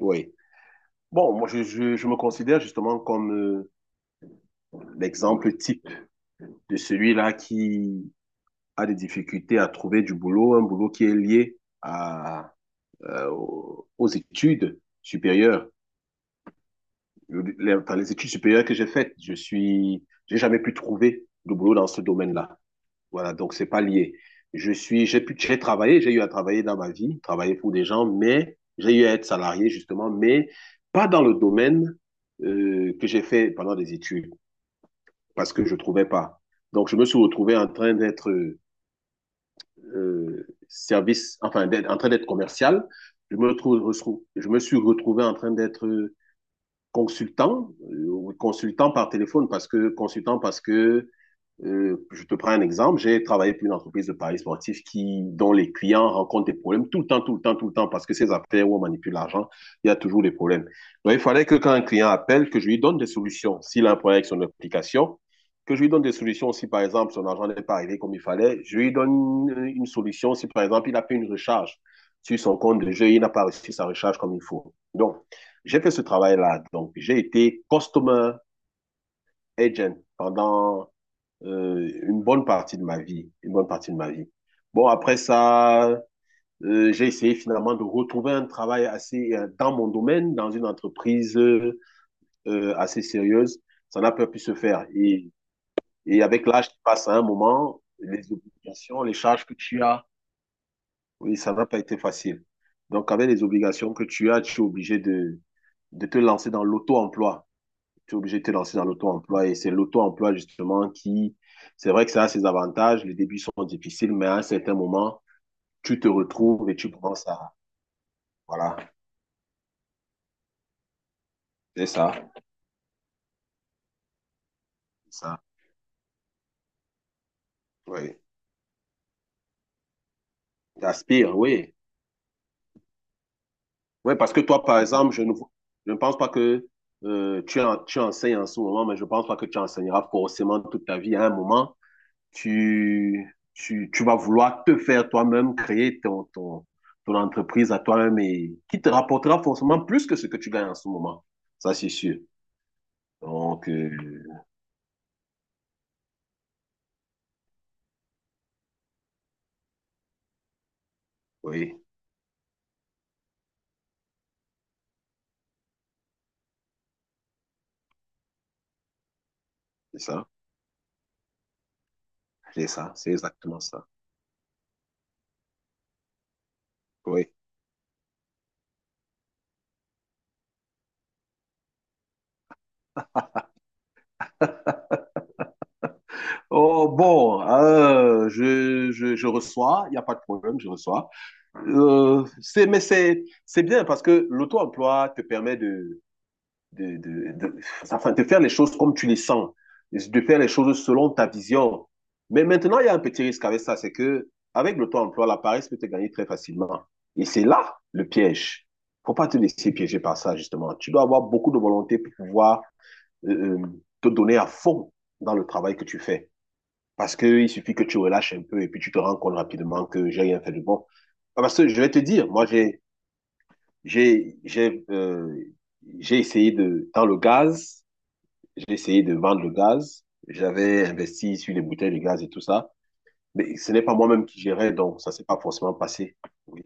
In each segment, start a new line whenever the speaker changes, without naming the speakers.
Oui. Bon, moi, je me considère justement comme l'exemple type de celui-là qui a des difficultés à trouver du boulot, un boulot qui est lié à aux études supérieures. Les études supérieures que j'ai faites, j'ai jamais pu trouver de boulot dans ce domaine-là. Voilà, donc c'est pas lié. Je suis, j'ai pu, j'ai travaillé, j'ai eu à travailler dans ma vie, travailler pour des gens, mais j'ai eu à être salarié justement, mais pas dans le domaine que j'ai fait pendant des études, parce que je ne trouvais pas. Donc, je me suis retrouvé en train d'être en train d'être commercial. Je me, retrouve, je me suis retrouvé en train d'être consultant, consultant par téléphone, consultant parce que je te prends un exemple. J'ai travaillé pour une entreprise de paris sportifs qui, dont les clients rencontrent des problèmes tout le temps, tout le temps, tout le temps, parce que ces affaires où on manipule l'argent, il y a toujours des problèmes. Donc, il fallait que quand un client appelle, que je lui donne des solutions. S'il a un problème avec son application, que je lui donne des solutions. Si, par exemple, son argent n'est pas arrivé comme il fallait, je lui donne une solution. Si, par exemple, il a fait une recharge sur son compte de jeu, il n'a pas reçu sa recharge comme il faut. Donc, j'ai fait ce travail-là. Donc, j'ai été customer agent pendant une bonne partie de ma vie, une bonne partie de ma vie. Bon, après ça, j'ai essayé finalement de retrouver un travail assez dans mon domaine, dans une entreprise assez sérieuse. Ça n'a pas pu se faire. Et avec l'âge qui passe à un moment, les obligations, les charges que tu as, oui, ça n'a pas été facile. Donc, avec les obligations que tu as, tu es obligé de te lancer dans l'auto-emploi. Tu es obligé de te lancer dans l'auto-emploi. Et c'est l'auto-emploi, justement, qui, c'est vrai que ça a ses avantages. Les débuts sont difficiles, mais à un certain moment, tu te retrouves et tu commences à, voilà, c'est ça. C'est ça, oui. T'aspires, oui. Oui, parce que toi, par exemple, je ne pense pas que tu enseignes en ce moment, mais je ne pense pas que tu enseigneras forcément toute ta vie à un moment. Tu vas vouloir te faire toi-même, créer ton, ton entreprise à toi-même et qui te rapportera forcément plus que ce que tu gagnes en ce moment. Ça, c'est sûr. Donc, oui, c'est ça. C'est ça. C'est exactement ça. Oui. Oh, bon, je reçois, il n'y a pas de problème, je reçois. Mais c'est bien parce que l'auto-emploi te permet de, de, de, de faire les choses comme tu les sens, de faire les choses selon ta vision. Mais maintenant, il y a un petit risque avec ça, c'est que avec le temps emploi la paresse peut te gagner très facilement. Et c'est là le piège. Faut pas te laisser piéger par ça, justement. Tu dois avoir beaucoup de volonté pour pouvoir euh, euh, te donner à fond dans le travail que tu fais. Parce qu'il suffit que tu relâches un peu et puis tu te rends compte rapidement que j'ai rien fait de bon. Ah, parce que je vais te dire, moi, j'ai, j'ai, euh, j'ai essayé de, dans le gaz, j'ai essayé de vendre le gaz. J'avais investi sur les bouteilles de gaz et tout ça. Mais ce n'est pas moi-même qui gérais, donc ça ne s'est pas forcément passé. Oui,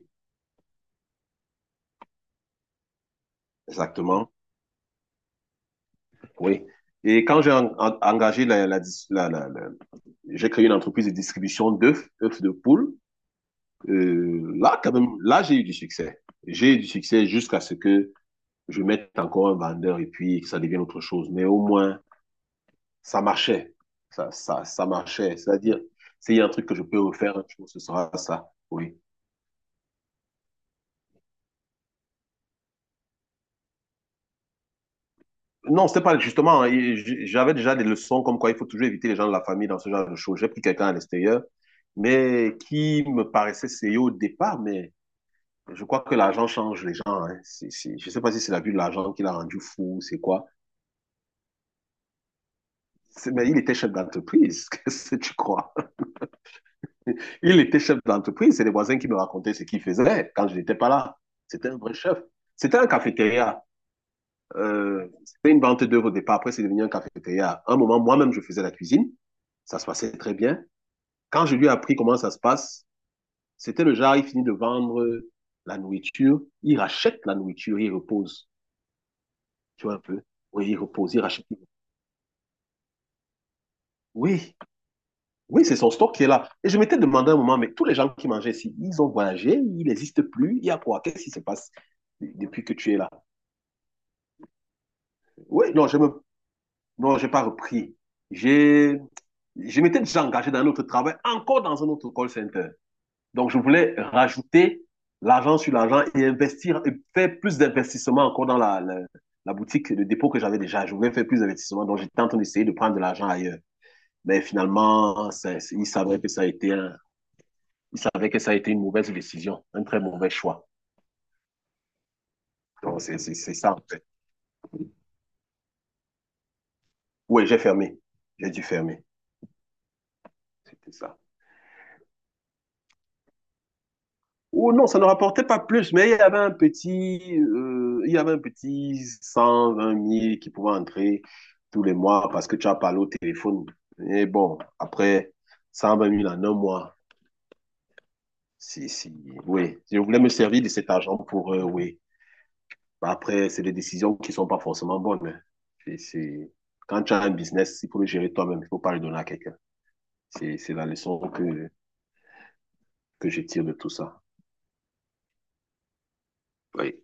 exactement. Oui. Et quand engagé la, la, dis- la- la- la- j'ai créé une entreprise de distribution d'œufs, œufs de poule. Là, quand même, là, j'ai eu du succès. J'ai eu du succès jusqu'à ce que je mette encore un vendeur et puis que ça devienne autre chose. Mais au moins, ça marchait. Ça marchait. C'est-à-dire, s'il y a un truc que je peux refaire, je pense que ce sera ça. Oui. Non, c'était pas justement. J'avais déjà des leçons comme quoi il faut toujours éviter les gens de la famille dans ce genre de choses. J'ai pris quelqu'un à l'extérieur, mais qui me paraissait sérieux au départ, mais je crois que l'argent change les gens. Hein. Je sais pas si c'est la vue de l'argent qui l'a rendu fou, c'est quoi. Mais il était chef d'entreprise, qu'est-ce que tu crois? Il était chef d'entreprise, c'est les voisins qui me racontaient ce qu'il faisait quand je n'étais pas là. C'était un vrai chef. C'était un cafétéria. C'était une vente d'œuvres au départ, après c'est devenu un cafétéria. À un moment, moi-même, je faisais la cuisine, ça se passait très bien. Quand je lui ai appris comment ça se passe, c'était le genre, il finit de vendre la nourriture, il rachète la nourriture, il repose, tu vois un peu. Oui, il repose, il rachète. Oui, oui, c'est son stock qui est là. Et je m'étais demandé un moment, mais tous les gens qui mangeaient ici, ils ont voyagé, ils n'existent plus, il y a quoi? Qu'est-ce qui se passe depuis que tu es là? Oui, non, je me Non, j'ai pas repris. J'ai, je m'étais déjà engagé dans un autre travail, encore dans un autre call center. Donc, je voulais rajouter l'argent sur l'argent et investir, et faire plus d'investissement encore dans la boutique, de dépôt que j'avais déjà. Je voulais faire plus d'investissement. Donc, j'étais en train d'essayer de prendre de l'argent ailleurs. Mais finalement, ils savaient que ça a été ils savaient que ça a été une mauvaise décision, un très mauvais choix. Donc, c'est ça, en fait. Oui, j'ai fermé. J'ai dû fermer. C'était ça. Ou non, ça ne rapportait pas plus, mais il y avait un petit, il y avait un petit 120 000 qui pouvait entrer tous les mois parce que tu as parlé au téléphone. Et bon, après 120 000 en un mois, si, oui. Je voulais me servir de cet argent pour, oui. Bah, après, c'est des décisions qui ne sont pas forcément bonnes, hein. C'est, c'est- Quand tu as un business, il faut le gérer toi-même, il ne faut pas le donner à quelqu'un. C'est la leçon que je tire de tout ça. Oui.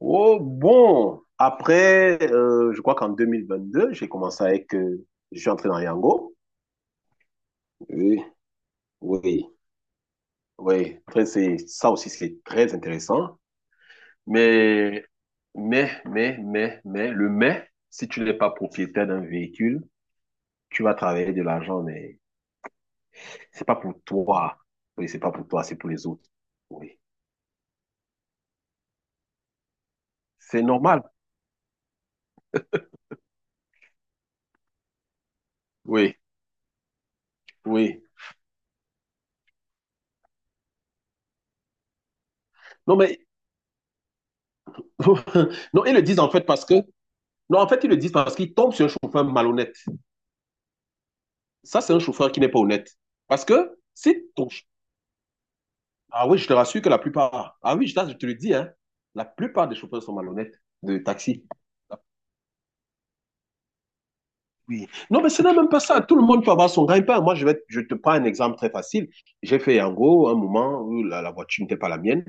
Oh, bon, après, je crois qu'en 2022 j'ai commencé avec, je suis entré dans Yango. Oui, oui, oui. Après, c'est, ça aussi, c'est très intéressant. Mais, mais si tu n'es pas propriétaire d'un véhicule, tu vas travailler de l'argent, mais c'est pas pour toi. Oui, c'est pas pour toi, c'est pour les autres. Oui. C'est normal. Oui, oui. Non, mais, non, ils le disent en fait parce que, non, en fait, ils le disent parce qu'ils tombent sur un chauffeur malhonnête. Ça, c'est un chauffeur qui n'est pas honnête. Parce que si ton... Ah oui, je te rassure que la plupart... Ah oui, je te le dis, hein, la plupart des chauffeurs sont malhonnêtes de taxi. Ah, oui. Non, mais ce n'est même pas ça. Tout le monde peut avoir son gagne-pain. Moi, je te prends un exemple très facile. J'ai fait en gros un moment où la voiture n'était pas la mienne.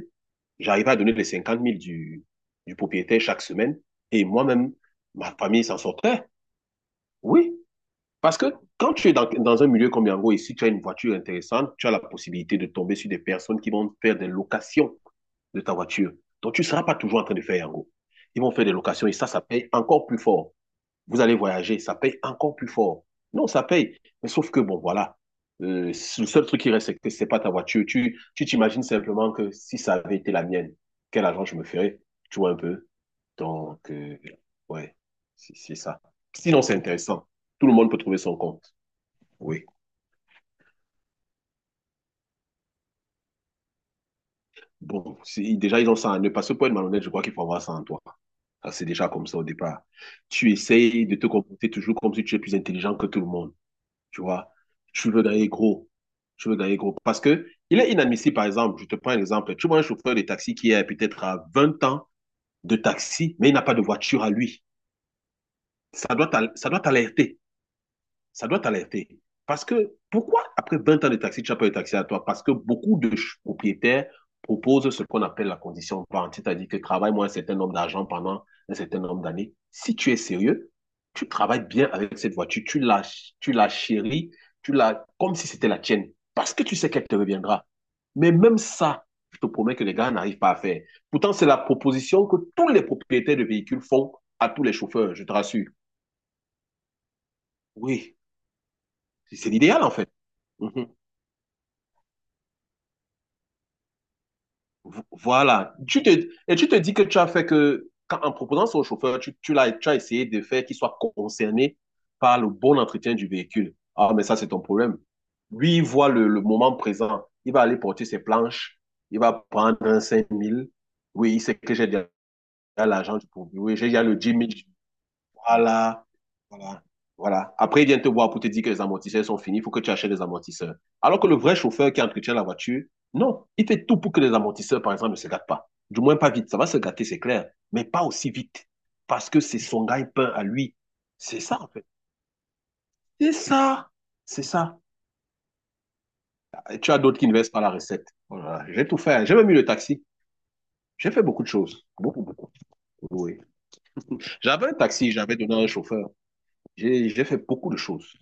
J'arrivais à donner les 50 000 du propriétaire chaque semaine. Et moi-même, ma famille s'en sortait. Oui, parce que quand tu es dans un milieu comme Yango ici, tu as une voiture intéressante, tu as la possibilité de tomber sur des personnes qui vont faire des locations de ta voiture. Donc, tu ne seras pas toujours en train de faire Yango. Ils vont faire des locations et ça paye encore plus fort. Vous allez voyager, ça paye encore plus fort. Non, ça paye. Mais sauf que, bon, voilà. Le seul truc qui reste, c'est que c'est pas ta voiture. Tu t'imagines simplement que si ça avait été la mienne, quel argent je me ferais? Tu vois un peu? Donc, ouais, c'est ça. Sinon, c'est intéressant. Tout le monde peut trouver son compte. Oui. Bon, déjà, ils ont ça en eux. Parce que pour être malhonnête, je crois qu'il faut avoir ça en toi. Ça, c'est déjà comme ça au départ. Tu essayes de te comporter toujours comme si tu es plus intelligent que tout le monde, tu vois. Tu veux gagner gros. Tu veux gagner gros. Parce que il est inadmissible, par exemple, je te prends un exemple. Tu vois un chauffeur de taxi qui est peut-être à 20 ans de taxi, mais il n'a pas de voiture à lui. Ça doit t'alerter, ça doit t'alerter. Parce que pourquoi après 20 ans de taxi, tu n'as pas eu taxi à toi? Parce que beaucoup de propriétaires proposent ce qu'on appelle la condition vente, c'est-à-dire que travaille moins un certain nombre d'argent pendant un certain nombre d'années. Si tu es sérieux, tu travailles bien avec cette voiture, tu la chéris, comme si c'était la tienne, parce que tu sais qu'elle te reviendra. Mais même ça, je te promets que les gars n'arrivent pas à faire. Pourtant, c'est la proposition que tous les propriétaires de véhicules font à tous les chauffeurs, je te rassure. Oui, c'est l'idéal en fait. Mmh. Voilà. Et tu te dis que tu as fait que, en proposant ça au chauffeur, tu as essayé de faire qu'il soit concerné par le bon entretien du véhicule. Ah, mais ça, c'est ton problème. Lui, il voit le moment présent. Il va aller porter ses planches. Il va prendre un 5 000. Oui, il sait que j'ai déjà l'argent du produit. Oui, j'ai déjà le 10 000. Voilà, voilà, voilà. Après, il vient te voir pour te dire que les amortisseurs sont finis, il faut que tu achètes des amortisseurs. Alors que le vrai chauffeur qui entretient la voiture, non, il fait tout pour que les amortisseurs, par exemple, ne se gâtent pas. Du moins pas vite. Ça va se gâter, c'est clair, mais pas aussi vite. Parce que c'est son gagne pain à lui. C'est ça, en fait. C'est ça. C'est ça. Et tu as d'autres qui ne versent pas la recette. Voilà. J'ai tout fait. J'ai même mis le taxi. J'ai fait beaucoup de choses. Beaucoup, beaucoup, oui. J'avais un taxi, j'avais donné à un chauffeur. J'ai fait beaucoup de choses.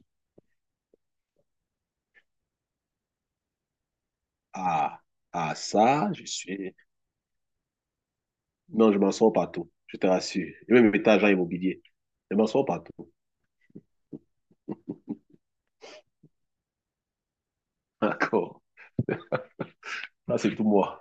Ah, ça, je suis. Non, je m'en sors partout, je te rassure. J'ai même été agent immobilier. Je m'en sors partout. D'accord. Là, c'est tout moi.